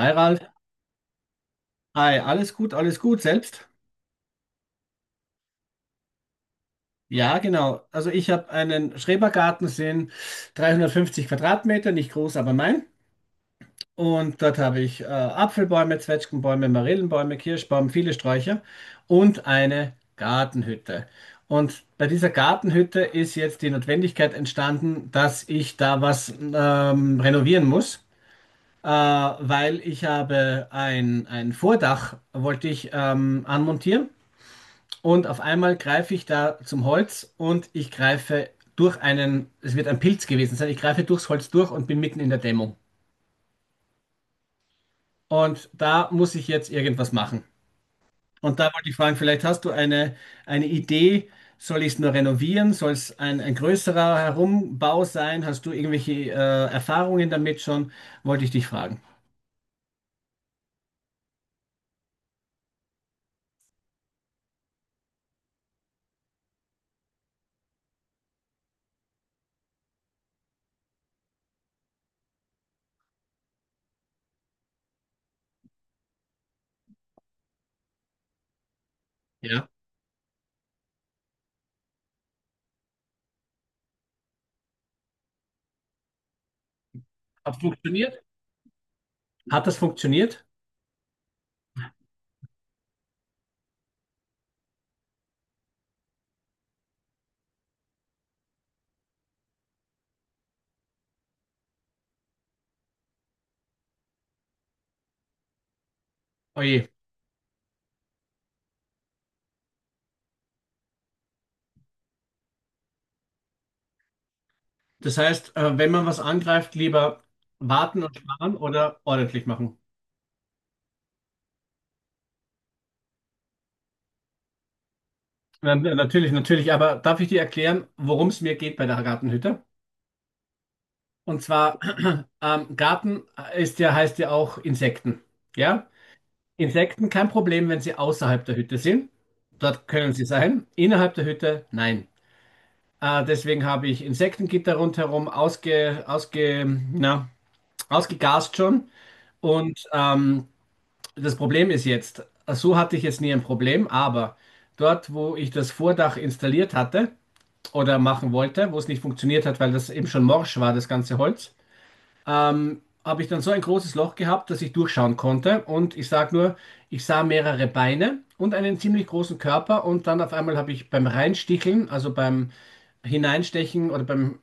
Hi Ralf, hi, alles gut, selbst? Ja, genau. Also ich habe einen Schrebergarten, sind 350 Quadratmeter, nicht groß, aber mein. Und dort habe ich Apfelbäume, Zwetschgenbäume, Marillenbäume, Kirschbaum, viele Sträucher und eine Gartenhütte. Und bei dieser Gartenhütte ist jetzt die Notwendigkeit entstanden, dass ich da was renovieren muss. Weil ich habe ein Vordach, wollte ich anmontieren. Und auf einmal greife ich da zum Holz und ich greife durch einen, es wird ein Pilz gewesen sein, ich greife durchs Holz durch und bin mitten in der Dämmung. Und da muss ich jetzt irgendwas machen. Und da wollte ich fragen, vielleicht hast du eine Idee, soll ich es nur renovieren? Soll es ein größerer Herumbau sein? Hast du irgendwelche Erfahrungen damit schon? Wollte ich dich fragen. Ja. Hat funktioniert? Hat das funktioniert? Oje. Das heißt, wenn man was angreift, lieber warten und sparen oder ordentlich machen? Na, natürlich, natürlich. Aber darf ich dir erklären, worum es mir geht bei der Gartenhütte? Und zwar, Garten ist ja, heißt ja auch Insekten. Ja? Insekten kein Problem, wenn sie außerhalb der Hütte sind. Dort können sie sein. Innerhalb der Hütte, nein. Deswegen habe ich Insektengitter rundherum na, ausgegast schon. Und das Problem ist jetzt, so hatte ich jetzt nie ein Problem, aber dort, wo ich das Vordach installiert hatte, oder machen wollte, wo es nicht funktioniert hat, weil das eben schon morsch war, das ganze Holz, habe ich dann so ein großes Loch gehabt, dass ich durchschauen konnte. Und ich sage nur, ich sah mehrere Beine und einen ziemlich großen Körper. Und dann auf einmal habe ich beim Reinsticheln, also beim Hineinstechen oder beim,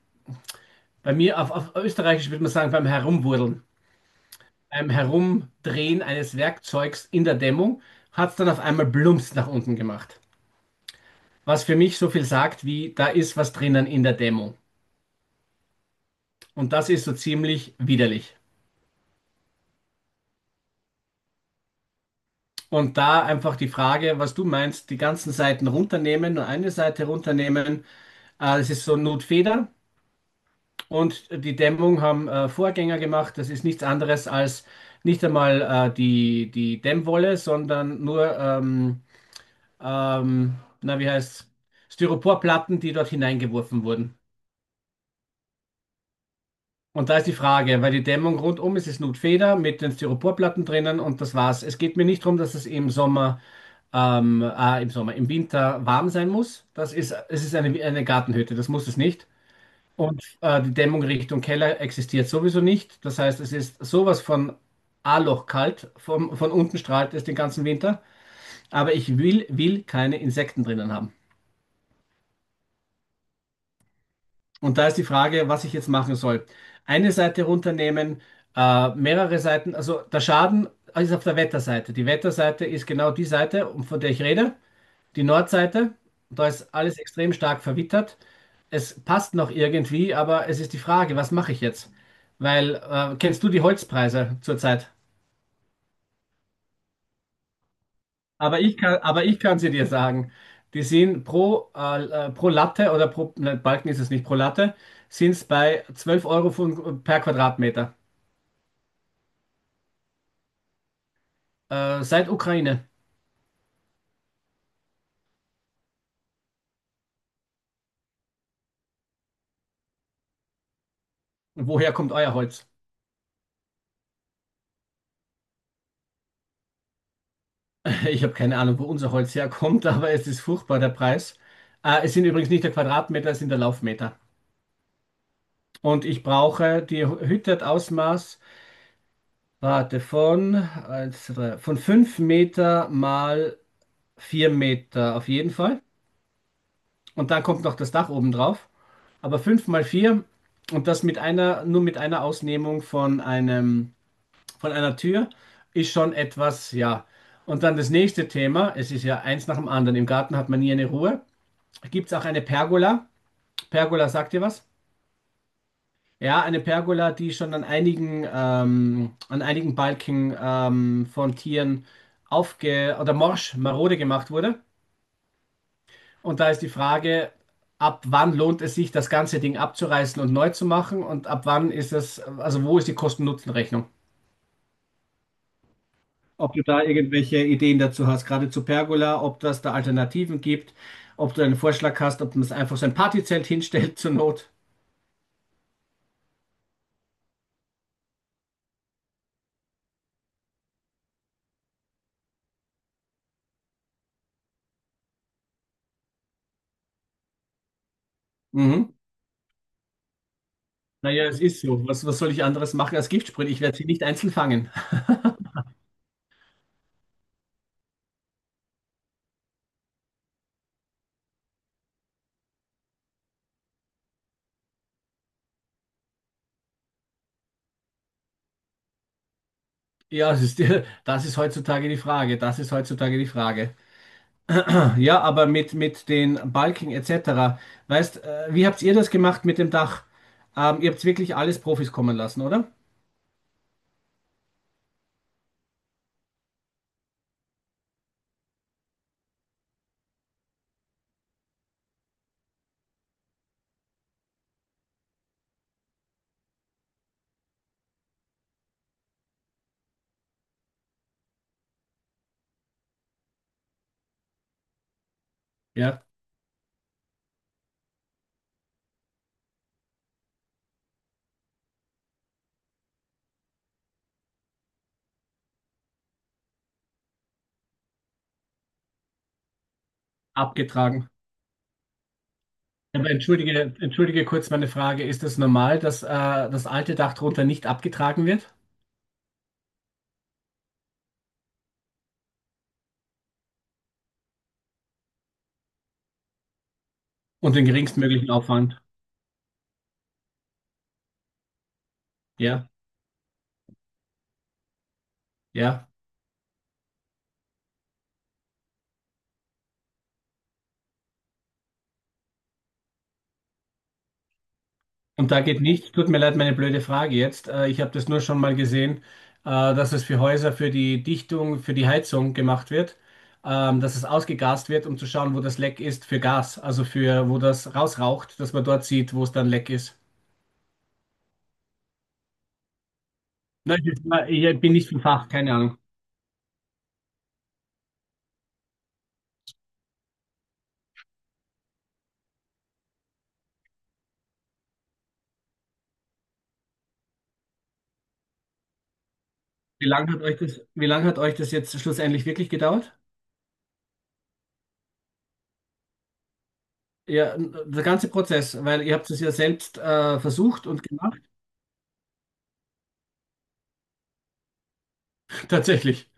bei mir auf Österreichisch würde man sagen, beim Herumwurdeln, beim Herumdrehen eines Werkzeugs in der Dämmung, hat es dann auf einmal Blumps nach unten gemacht. Was für mich so viel sagt, wie da ist was drinnen in der Dämmung. Und das ist so ziemlich widerlich. Und da einfach die Frage, was du meinst, die ganzen Seiten runternehmen, nur eine Seite runternehmen. Das ist so Notfeder und die Dämmung haben Vorgänger gemacht. Das ist nichts anderes als nicht einmal die Dämmwolle, sondern nur, ähm, na, wie heißt Styroporplatten, die dort hineingeworfen wurden. Und da ist die Frage, weil die Dämmung rundum ist, ist Nutfeder mit den Styroporplatten drinnen und das war's. Es geht mir nicht darum, dass es im Sommer, im Winter warm sein muss. Das ist, es ist eine Gartenhütte, das muss es nicht. Und die Dämmung Richtung Keller existiert sowieso nicht. Das heißt, es ist sowas von A-Loch kalt, vom, von unten strahlt es den ganzen Winter. Aber ich will keine Insekten drinnen haben. Und da ist die Frage, was ich jetzt machen soll. Eine Seite runternehmen, mehrere Seiten, also der Schaden ist auf der Wetterseite. Die Wetterseite ist genau die Seite, von der ich rede, die Nordseite. Da ist alles extrem stark verwittert. Es passt noch irgendwie, aber es ist die Frage, was mache ich jetzt? Weil, kennst du die Holzpreise zurzeit? Aber ich kann sie dir sagen. Die sind pro Latte oder pro, nein, Balken ist es nicht, pro Latte, sind es bei 12 Euro per Quadratmeter. Seit Ukraine. Woher kommt euer Holz? Ich habe keine Ahnung, wo unser Holz herkommt, aber es ist furchtbar, der Preis. Es sind übrigens nicht der Quadratmeter, es sind der Laufmeter. Und ich brauche, die Hütte hat Ausmaß, warte, von, eins, zwei, drei, von 5 Meter mal 4 Meter auf jeden Fall. Und dann kommt noch das Dach oben drauf. Aber 5 mal 4 und das mit nur mit einer Ausnehmung von einem von einer Tür ist schon etwas, ja. Und dann das nächste Thema, es ist ja eins nach dem anderen. Im Garten hat man nie eine Ruhe. Gibt es auch eine Pergola? Pergola, sagt ihr was? Ja, eine Pergola, die schon an einigen Balken von Tieren aufge oder morsch, marode gemacht wurde. Und da ist die Frage, ab wann lohnt es sich, das ganze Ding abzureißen und neu zu machen? Und ab wann ist es, also wo ist die Kosten-Nutzen-Rechnung? Ob du da irgendwelche Ideen dazu hast, gerade zu Pergola, ob das da Alternativen gibt, ob du einen Vorschlag hast, ob man es einfach so ein Partyzelt hinstellt zur Not. Mhm. Naja, es ist so. Was soll ich anderes machen als Giftsprühe? Ich werde sie nicht einzeln fangen. Ja, es ist, das ist heutzutage die Frage. Das ist heutzutage die Frage. Ja, aber mit den Balken etc. Weißt, wie habt ihr das gemacht mit dem Dach? Ihr habt wirklich alles Profis kommen lassen, oder? Ja, abgetragen. Ja, aber entschuldige kurz meine Frage. Ist es normal, dass das alte Dach drunter nicht abgetragen wird? Und den geringstmöglichen Aufwand? Ja, ja. Und da geht nichts. Tut mir leid, meine blöde Frage jetzt. Ich habe das nur schon mal gesehen, dass es für Häuser, für die Dichtung, für die Heizung gemacht wird, dass es ausgegast wird, um zu schauen, wo das Leck ist für Gas, also wo das rausraucht, dass man dort sieht, wo es dann leck ist. Nein, ich bin nicht vom Fach, keine Ahnung. Wie lange hat euch das, wie lange hat euch das jetzt schlussendlich wirklich gedauert? Ja, der ganze Prozess, weil ihr habt es ja selbst versucht und gemacht, tatsächlich.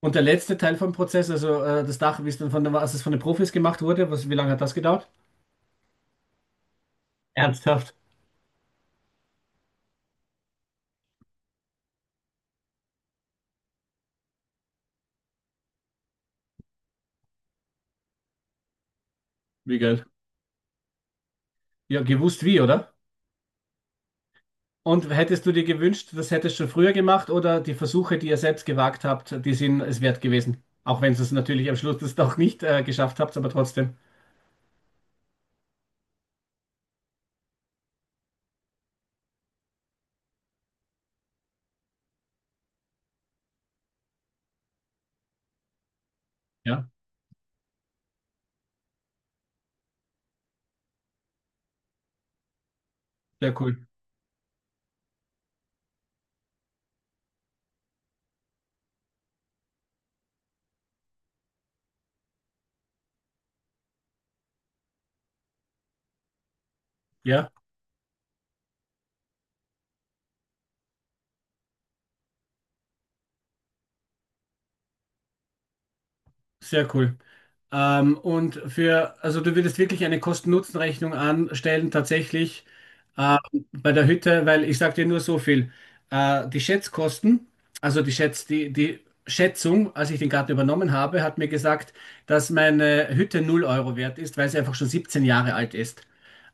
Und der letzte Teil vom Prozess, also das Dach, wie es dann als es von den Profis gemacht wurde, wie lange hat das gedauert? Ernsthaft? Wie geil. Ja, gewusst wie, oder? Und hättest du dir gewünscht, das hättest du schon früher gemacht oder die Versuche, die ihr selbst gewagt habt, die sind es wert gewesen? Auch wenn ihr es natürlich am Schluss das doch nicht geschafft habt, aber trotzdem. Ja, sehr cool. Ja. Sehr cool. Und also du würdest wirklich eine Kosten-Nutzen-Rechnung anstellen, tatsächlich äh, bei der Hütte, weil ich sage dir nur so viel. Die Schätzkosten, also die Schätzung, als ich den Garten übernommen habe, hat mir gesagt, dass meine Hütte 0 Euro wert ist, weil sie einfach schon 17 Jahre alt ist.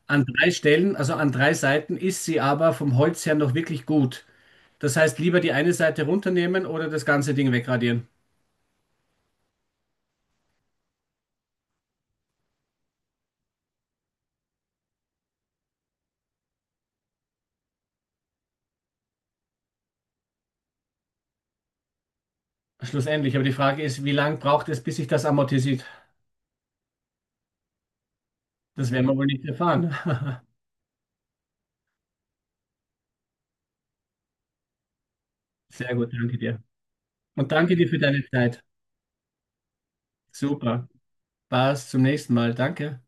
An drei Stellen, also an drei Seiten, ist sie aber vom Holz her noch wirklich gut. Das heißt, lieber die eine Seite runternehmen oder das ganze Ding wegradieren. Schlussendlich, aber die Frage ist, wie lange braucht es, bis sich das amortisiert? Das werden wir wohl nicht erfahren. Sehr gut, danke dir. Und danke dir für deine Zeit. Super. Passt, zum nächsten Mal. Danke.